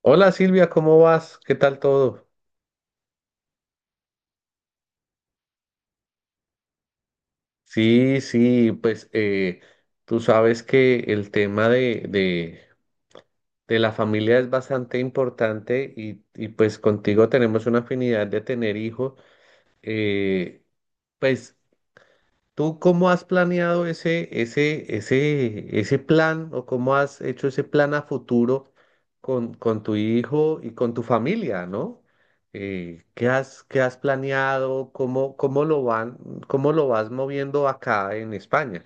Hola Silvia, ¿cómo vas? ¿Qué tal todo? Sí, sí, pues tú sabes que el tema de la familia es bastante importante y pues contigo tenemos una afinidad de tener hijos. Eh, pues ¿tú cómo has planeado ese plan o cómo has hecho ese plan a futuro con tu hijo y con tu familia, ¿no? Qué has planeado? ¿Cómo, cómo lo van, cómo lo vas moviendo acá en España?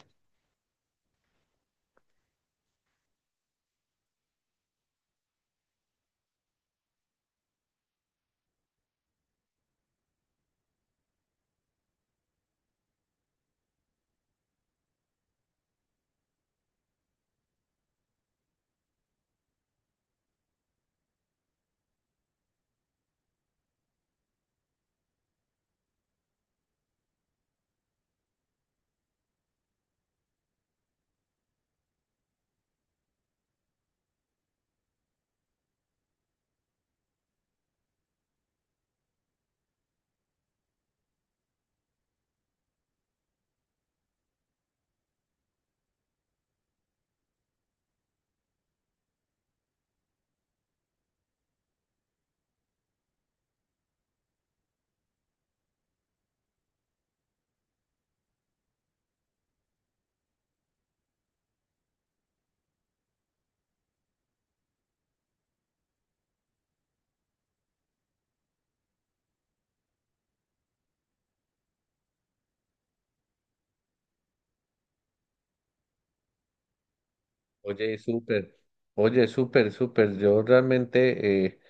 Oye, súper, oye, súper, súper. Yo realmente,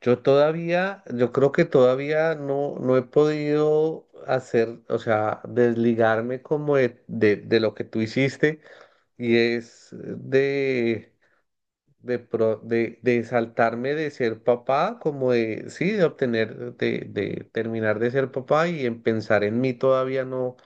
yo todavía, yo creo que todavía no, no he podido hacer, o sea, desligarme como de lo que tú hiciste y es de, de saltarme de ser papá, como de, sí, de obtener, de terminar de ser papá y en pensar en mí todavía no.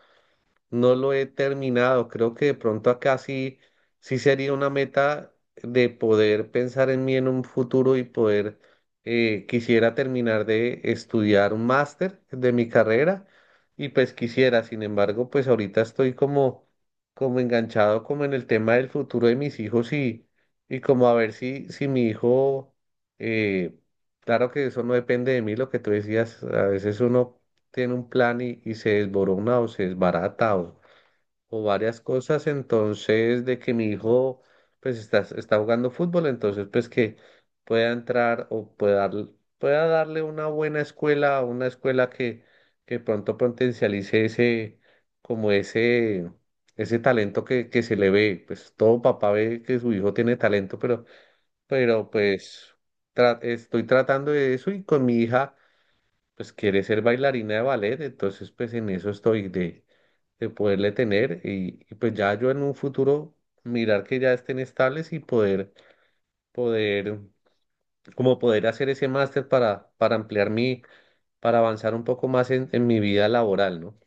No lo he terminado. Creo que de pronto acá sí, sí sería una meta de poder pensar en mí en un futuro y poder, quisiera terminar de estudiar un máster de mi carrera y pues quisiera, sin embargo, pues ahorita estoy como, como enganchado como en el tema del futuro de mis hijos y como a ver si, si mi hijo, eh, claro que eso no depende de mí, lo que tú decías, a veces uno tiene un plan y se desborona o se desbarata o varias cosas, entonces de que mi hijo pues está, está jugando fútbol, entonces pues que pueda entrar o pueda, dar- pueda darle una buena escuela, una escuela que pronto potencialice ese, como ese talento que se le ve, pues todo papá ve que su hijo tiene talento, pero pues tra- estoy tratando de eso y con mi hija pues quiere ser bailarina de ballet, entonces pues en eso estoy de poderle tener y, pues ya yo en un futuro mirar que ya estén estables y poder, poder, como poder hacer ese máster para ampliar mi, para avanzar un poco más en mi vida laboral, ¿no?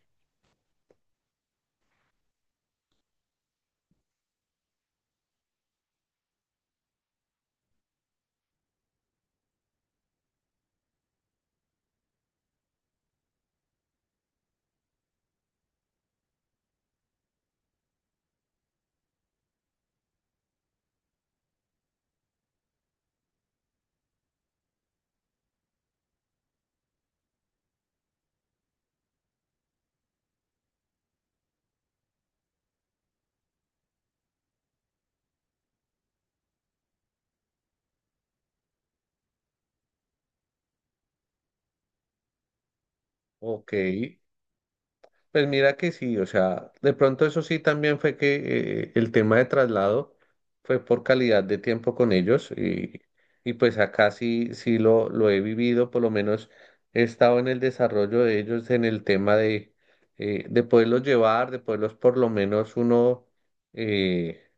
Ok, pues mira que sí, o sea, de pronto eso sí también fue que el tema de traslado fue por calidad de tiempo con ellos y pues acá sí, sí lo he vivido, por lo menos he estado en el desarrollo de ellos en el tema de poderlos llevar, de poderlos por lo menos uno... eh,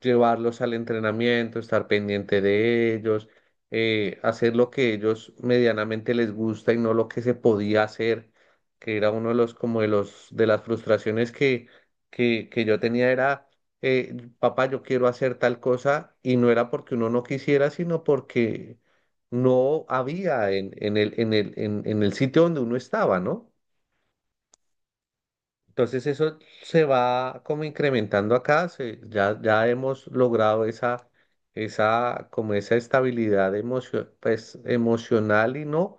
llevarlos al entrenamiento, estar pendiente de ellos, hacer lo que ellos medianamente les gusta y no lo que se podía hacer, que era uno de los, como de los, de las frustraciones que, que yo tenía era, papá, yo quiero hacer tal cosa y no era porque uno no quisiera, sino porque no había en el, en el, en el sitio donde uno estaba, ¿no? Entonces eso se va como incrementando acá, se- ya, ya hemos logrado esa, esa, como esa estabilidad emocio- pues, emocional y no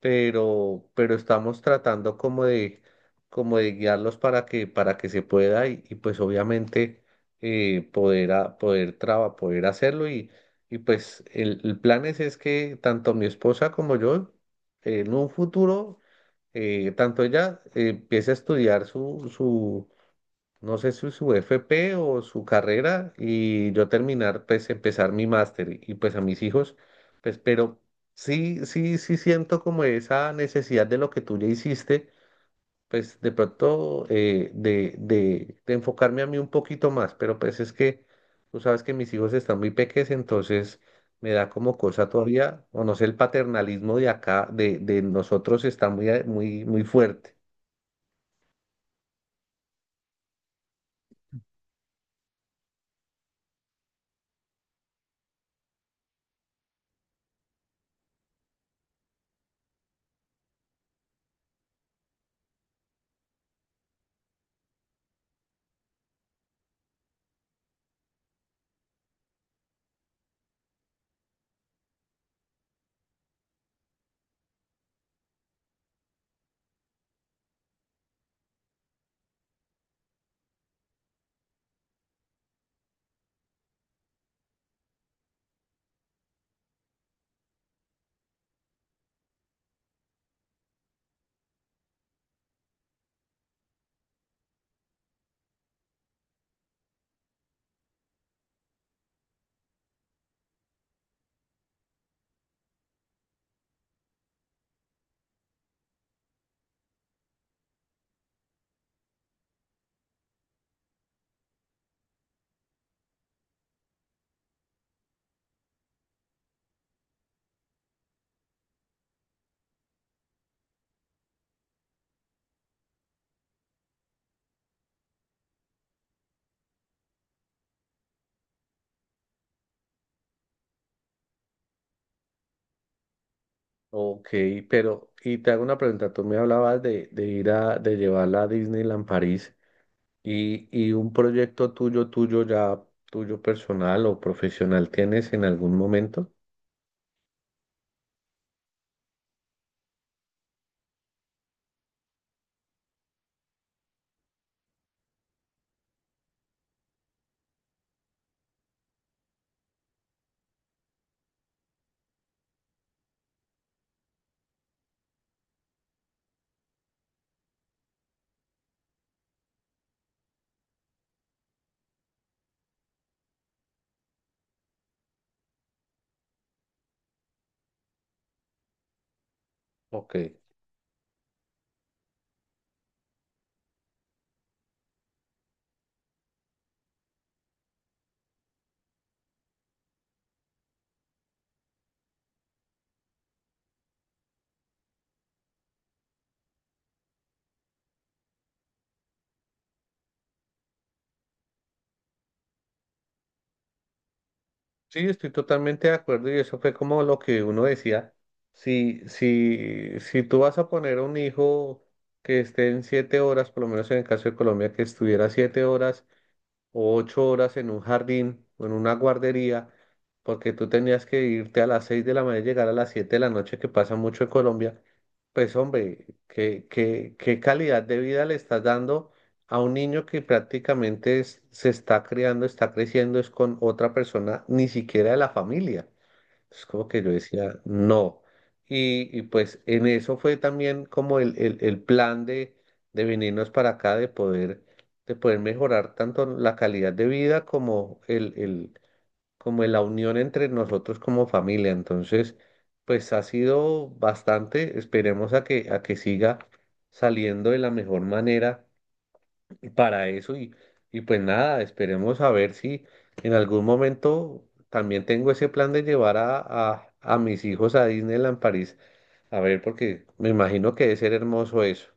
pero, pero estamos tratando como de guiarlos para que se pueda y pues obviamente poder, a- poder, traba, poder hacerlo y pues el plan es que tanto mi esposa como yo en un futuro, tanto ella empiece a estudiar su, su, no sé si su FP o su carrera y yo terminar, pues empezar mi máster y pues a mis hijos, pues pero sí, sí, sí siento como esa necesidad de lo que tú ya hiciste, pues de pronto de, de enfocarme a mí un poquito más, pero pues es que tú sabes que mis hijos están muy pequeños, entonces me da como cosa todavía, o no sé, el paternalismo de acá, de nosotros está muy, muy, muy fuerte. Ok, pero, y te hago una pregunta, tú me hablabas de ir a, de llevarla a Disneyland París y un proyecto tuyo, tuyo ya, tuyo personal o profesional, ¿tienes en algún momento? Ok, sí, estoy totalmente de acuerdo y eso fue como lo que uno decía, si, si, si tú vas a poner a un hijo que esté en 7 horas, por lo menos en el caso de Colombia, que estuviera 7 horas o 8 horas en un jardín o en una guardería, porque tú tenías que irte a las 6 de la mañana y llegar a las 7 de la noche, que pasa mucho en Colombia, pues hombre, ¿qué, qué, qué calidad de vida le estás dando a un niño que prácticamente es- se está criando, está creciendo, es con otra persona, ni siquiera de la familia? Es como que yo decía, no. Y pues en eso fue también como el plan de venirnos para acá, de poder mejorar tanto la calidad de vida como el, como la unión entre nosotros como familia. Entonces, pues ha sido bastante, esperemos a que siga saliendo de la mejor manera para eso y pues nada, esperemos a ver si en algún momento también tengo ese plan de llevar a mis hijos a Disneyland París, a ver, porque me imagino que debe ser hermoso eso.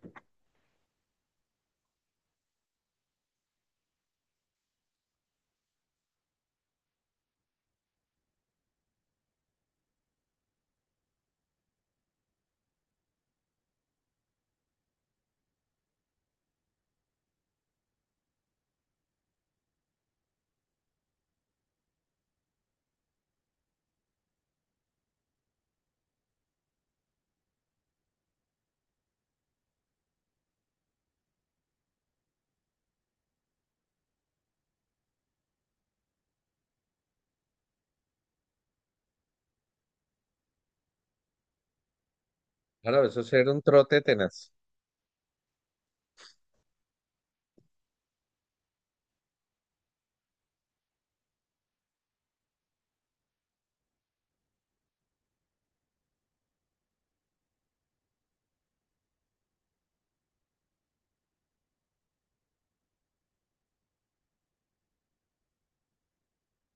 Claro, eso es ser un trote tenaz.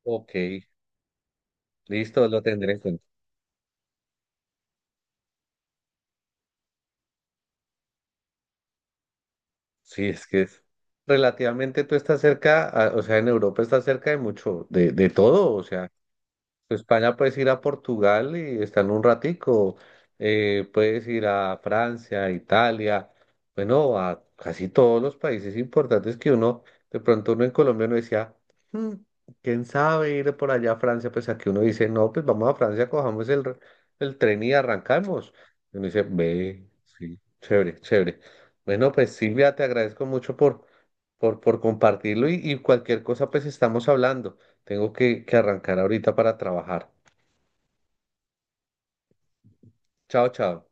Ok, listo, lo tendré en cuenta. Sí, es que es relativamente tú estás cerca, a- o sea, en Europa estás cerca de mucho, de todo, o sea. España puedes ir a Portugal y estar un ratico, puedes ir a Francia, Italia, bueno, a casi todos los países importantes que uno, de pronto uno en Colombia no decía, "Hmm, quién sabe ir por allá a Francia, pues aquí uno dice, no, pues vamos a Francia, cojamos el, r- el tren y arrancamos. Y uno dice, ve, sí, chévere, chévere. Bueno, pues Silvia, te agradezco mucho por compartirlo y cualquier cosa, pues estamos hablando. Tengo que arrancar ahorita para trabajar. Chao, chao.